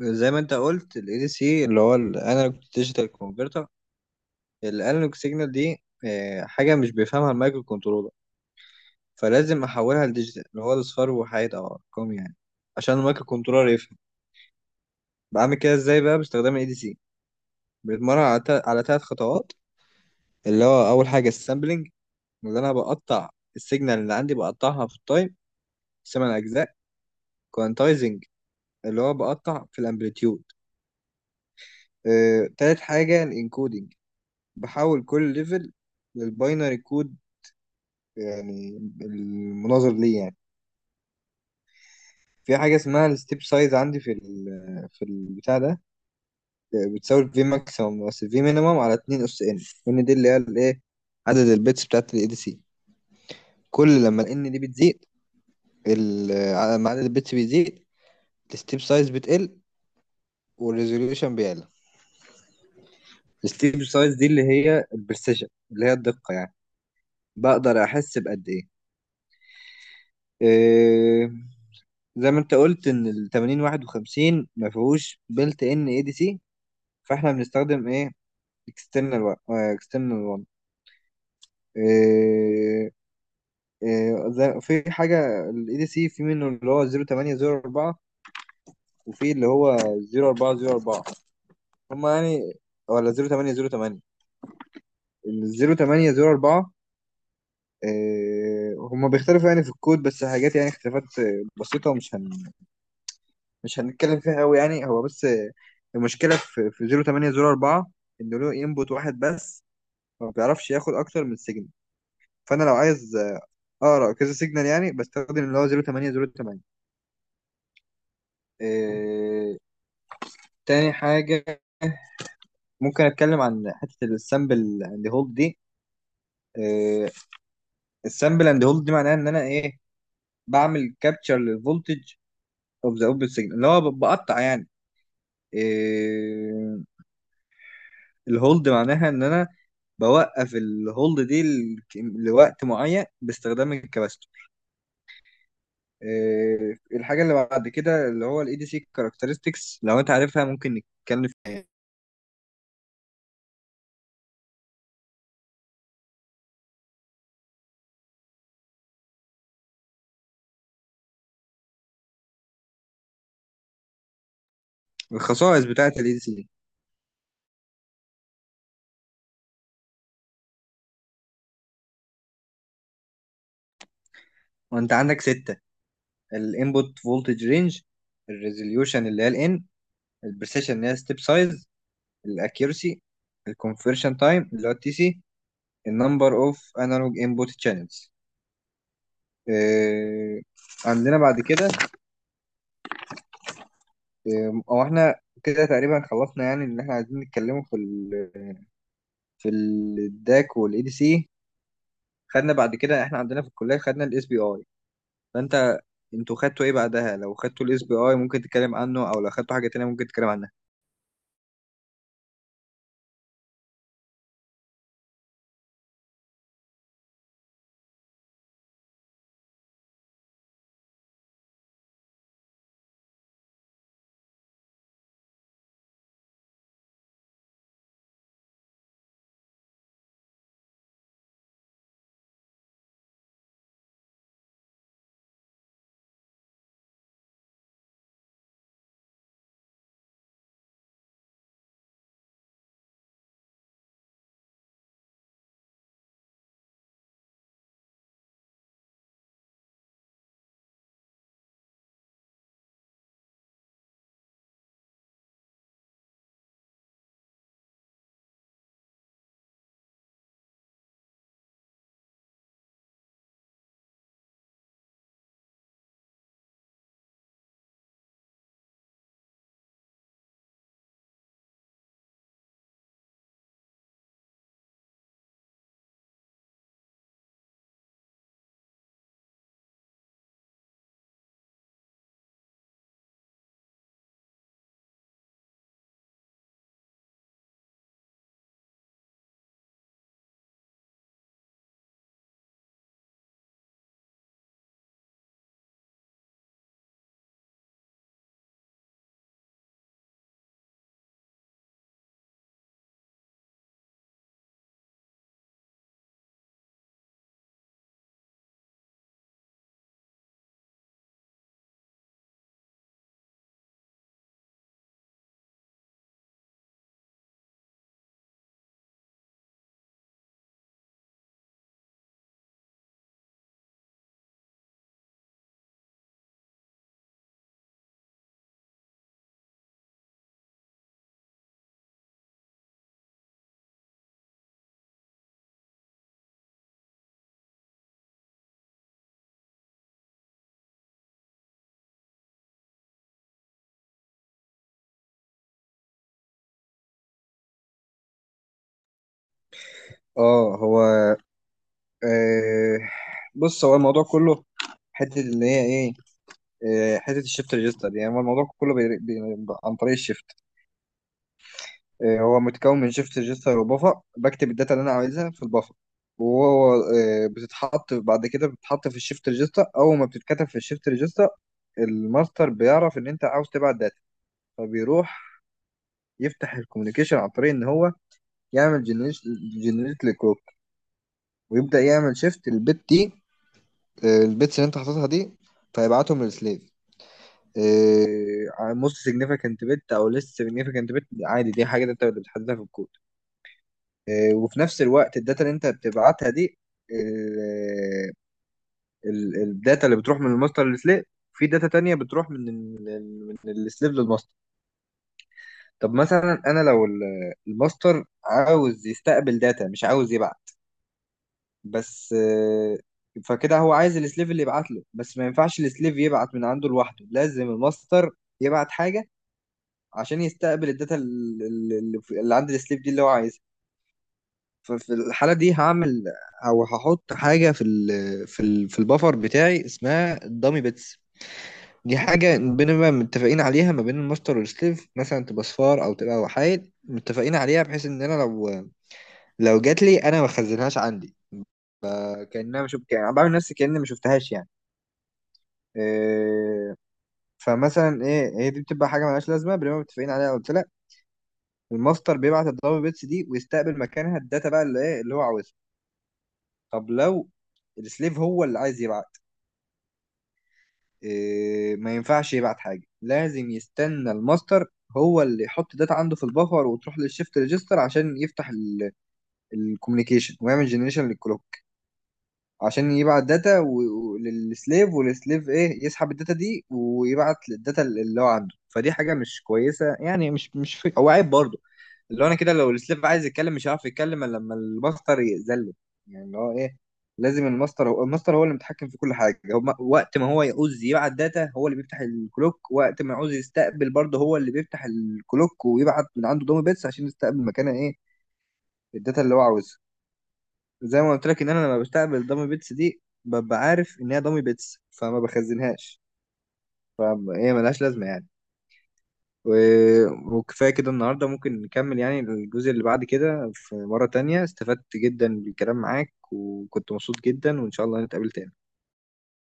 زي ما انت قلت ال ADC اللي هو الانالوج ديجيتال كونفرتر. الانالوج سيجنال دي حاجه مش بيفهمها المايكرو كنترولر، فلازم احولها لديجيتال اللي هو الاصفار وحاجات او ارقام يعني، عشان المايكرو كنترولر يفهم. بعمل كده ازاي بقى باستخدام ال ADC؟ بنتمرن على على ثلاث خطوات، اللي هو اول حاجه السامبلنج، اللي انا بقطع السيجنال اللي عندي، بقطعها في التايم ثمان اجزاء. كوانتايزنج، اللي هو بقطع في الامبليتيود. تالت حاجه الانكودنج، بحول كل ليفل للباينري كود يعني. المناظر ليه يعني، في حاجة اسمها الستيب سايز، عندي في ال في البتاع ده، بتساوي في ماكسيمم بس في مينيمم على 2 اس ان. ان دي اللي هي الايه، عدد البيتس بتاعت الاي دي سي. كل لما الان دي بتزيد، لما عدد البيتس بيزيد، الستيب سايز بتقل والريزوليوشن بيعلى. الستيب سايز دي اللي هي البرسيشن اللي هي الدقة يعني، بقدر احس بقد ايه. إيه، زي ما انت قلت ان ال 8051 ما فيهوش بلت ان اي دي سي، فاحنا بنستخدم ايه؟ اكسترنال 1. في حاجه الاي دي سي، في منه اللي هو 0804، وفي اللي هو 0404، هم يعني، ولا 0808. ال 0804 هم بيختلفوا يعني في الكود، بس حاجات يعني اختلافات بسيطه، مش هنتكلم فيها قوي يعني، هو بس المشكله في 0804 انه له انبوت واحد بس، ما بيعرفش ياخد اكتر من سيجنال. فانا لو عايز اه كذا سيجنال يعني، بستخدم اللي هو 08 08. آه تاني حاجة، ممكن اتكلم عن حتة السامبل اند هولد دي. آه، السامبل اند هولد دي معناها ان انا ايه، بعمل كابتشر للفولتج اوف ذا اوبن سيجنال اللي هو بقطع يعني. آه الهولد معناها ان انا بوقف الهولد دي لوقت معين باستخدام الكباستور. آه، الحاجة اللي بعد كده اللي هو الاي دي سي كاركترستكس، لو انت عارفها ممكن نتكلم في الخصائص بتاعة الاي دي سي، وانت عندك ستة. الانبوت فولتج رينج، الريزوليوشن اللي هي الان، البريسيشن اللي هي ستيب سايز، الاكيورسي، الكونفرشن تايم اللي هو التي سي، النمبر اوف انالوج انبوت تشانلز. عندنا بعد كده او احنا كده تقريبا خلصنا يعني، ان احنا عايزين نتكلمه في ال في الداك والاي دي سي. خدنا بعد كده، احنا عندنا في الكليه خدنا الاس بي اي، فانت انتوا خدتوا ايه بعدها؟ لو خدتوا الاس بي اي ممكن تتكلم عنه، او لو خدتوا حاجه تانية ممكن تتكلم عنها. اه هو، آه، بص هو الموضوع كله حته اللي هي ايه، حته الشيفت ريجستر. يعني هو الموضوع كله عن طريق الشيفت. آه، هو متكون من شيفت ريجستر وبفر، بكتب الداتا اللي انا عايزها في البفر، وهو بتتحط بعد كده بتتحط في الشيفت ريجستر. اول ما بتتكتب في الشيفت ريجستر، الماستر بيعرف ان انت عاوز تبعت داتا، فبيروح يفتح الكوميونيكيشن عن طريق ان هو يعمل جنريت للكروك، ويبدا يعمل شيفت البت دي، البيتس اللي انت حاططها دي، فيبعتهم للسليف. موست سيجنيفيكانت بت او ليست سيجنيفيكانت بت عادي، دي حاجه انت اللي بتحددها في الكود. وفي نفس الوقت الداتا اللي انت بتبعتها دي، آه، الداتا اللي بتروح من الماستر للسليف، في داتا تانية بتروح من من السليف للماستر. طب مثلا انا لو الماستر عاوز يستقبل داتا مش عاوز يبعت بس، فكده هو عايز السليف اللي يبعت له بس، ما ينفعش السليف يبعت من عنده لوحده، لازم الماستر يبعت حاجة عشان يستقبل الداتا اللي عند السليب دي اللي هو عايزها. ففي الحالة دي هعمل أو هحط حاجة في ال في ال في البفر بتاعي اسمها الدامي بيتس. دي حاجة بنبقى متفقين عليها ما بين الماستر والسليف، مثلا تبقى صفار أو تبقى وحايد، متفقين عليها، بحيث إن أنا لو جات لي أنا ما بخزنهاش عندي، كأنها ما شفت يعني، بعمل نفسي كأني ما شفتهاش يعني. إيه، فمثلا إيه هي دي بتبقى حاجة ملهاش لازمة، بنبقى متفقين عليها قلت لك. الماستر بيبعت الدبل بيتس دي ويستقبل مكانها الداتا بقى اللي ايه اللي هو عاوزها. طب لو السليف هو اللي عايز يبعت، إيه، ما ينفعش يبعت حاجه، لازم يستنى الماستر هو اللي يحط داتا عنده في البفر، وتروح للشيفت ريجستر عشان يفتح الكوميونيكيشن ويعمل جنريشن للكلوك عشان يبعت داتا للسليف، والسليف ايه يسحب الداتا دي، ويبعت للداتا اللي هو عنده. فدي حاجه مش كويسه يعني، مش مش فك... او عيب برضه، اللي هو انا كده لو السليف عايز يتكلم مش هيعرف يتكلم الا لما الماستر يأذله. يعني اللي هو ايه، لازم الماستر، هو الماستر هو اللي متحكم في كل حاجه، هو وقت ما هو يعوز يبعت داتا هو اللي بيفتح الكلوك، وقت ما يعوز يستقبل برضه هو اللي بيفتح الكلوك ويبعت من عنده دومي بيتس عشان يستقبل مكانها ايه الداتا اللي هو عاوزها. زي ما قلت لك ان انا لما بستقبل دومي بيتس دي ببقى عارف ان هي دومي بيتس فما بخزنهاش، فهي ملهاش لازمه يعني. و- وكفاية كده النهاردة، ممكن نكمل يعني الجزء اللي بعد كده في مرة تانية. استفدت جدا بالكلام معاك، وكنت مبسوط جدا، وإن شاء الله نتقابل تاني.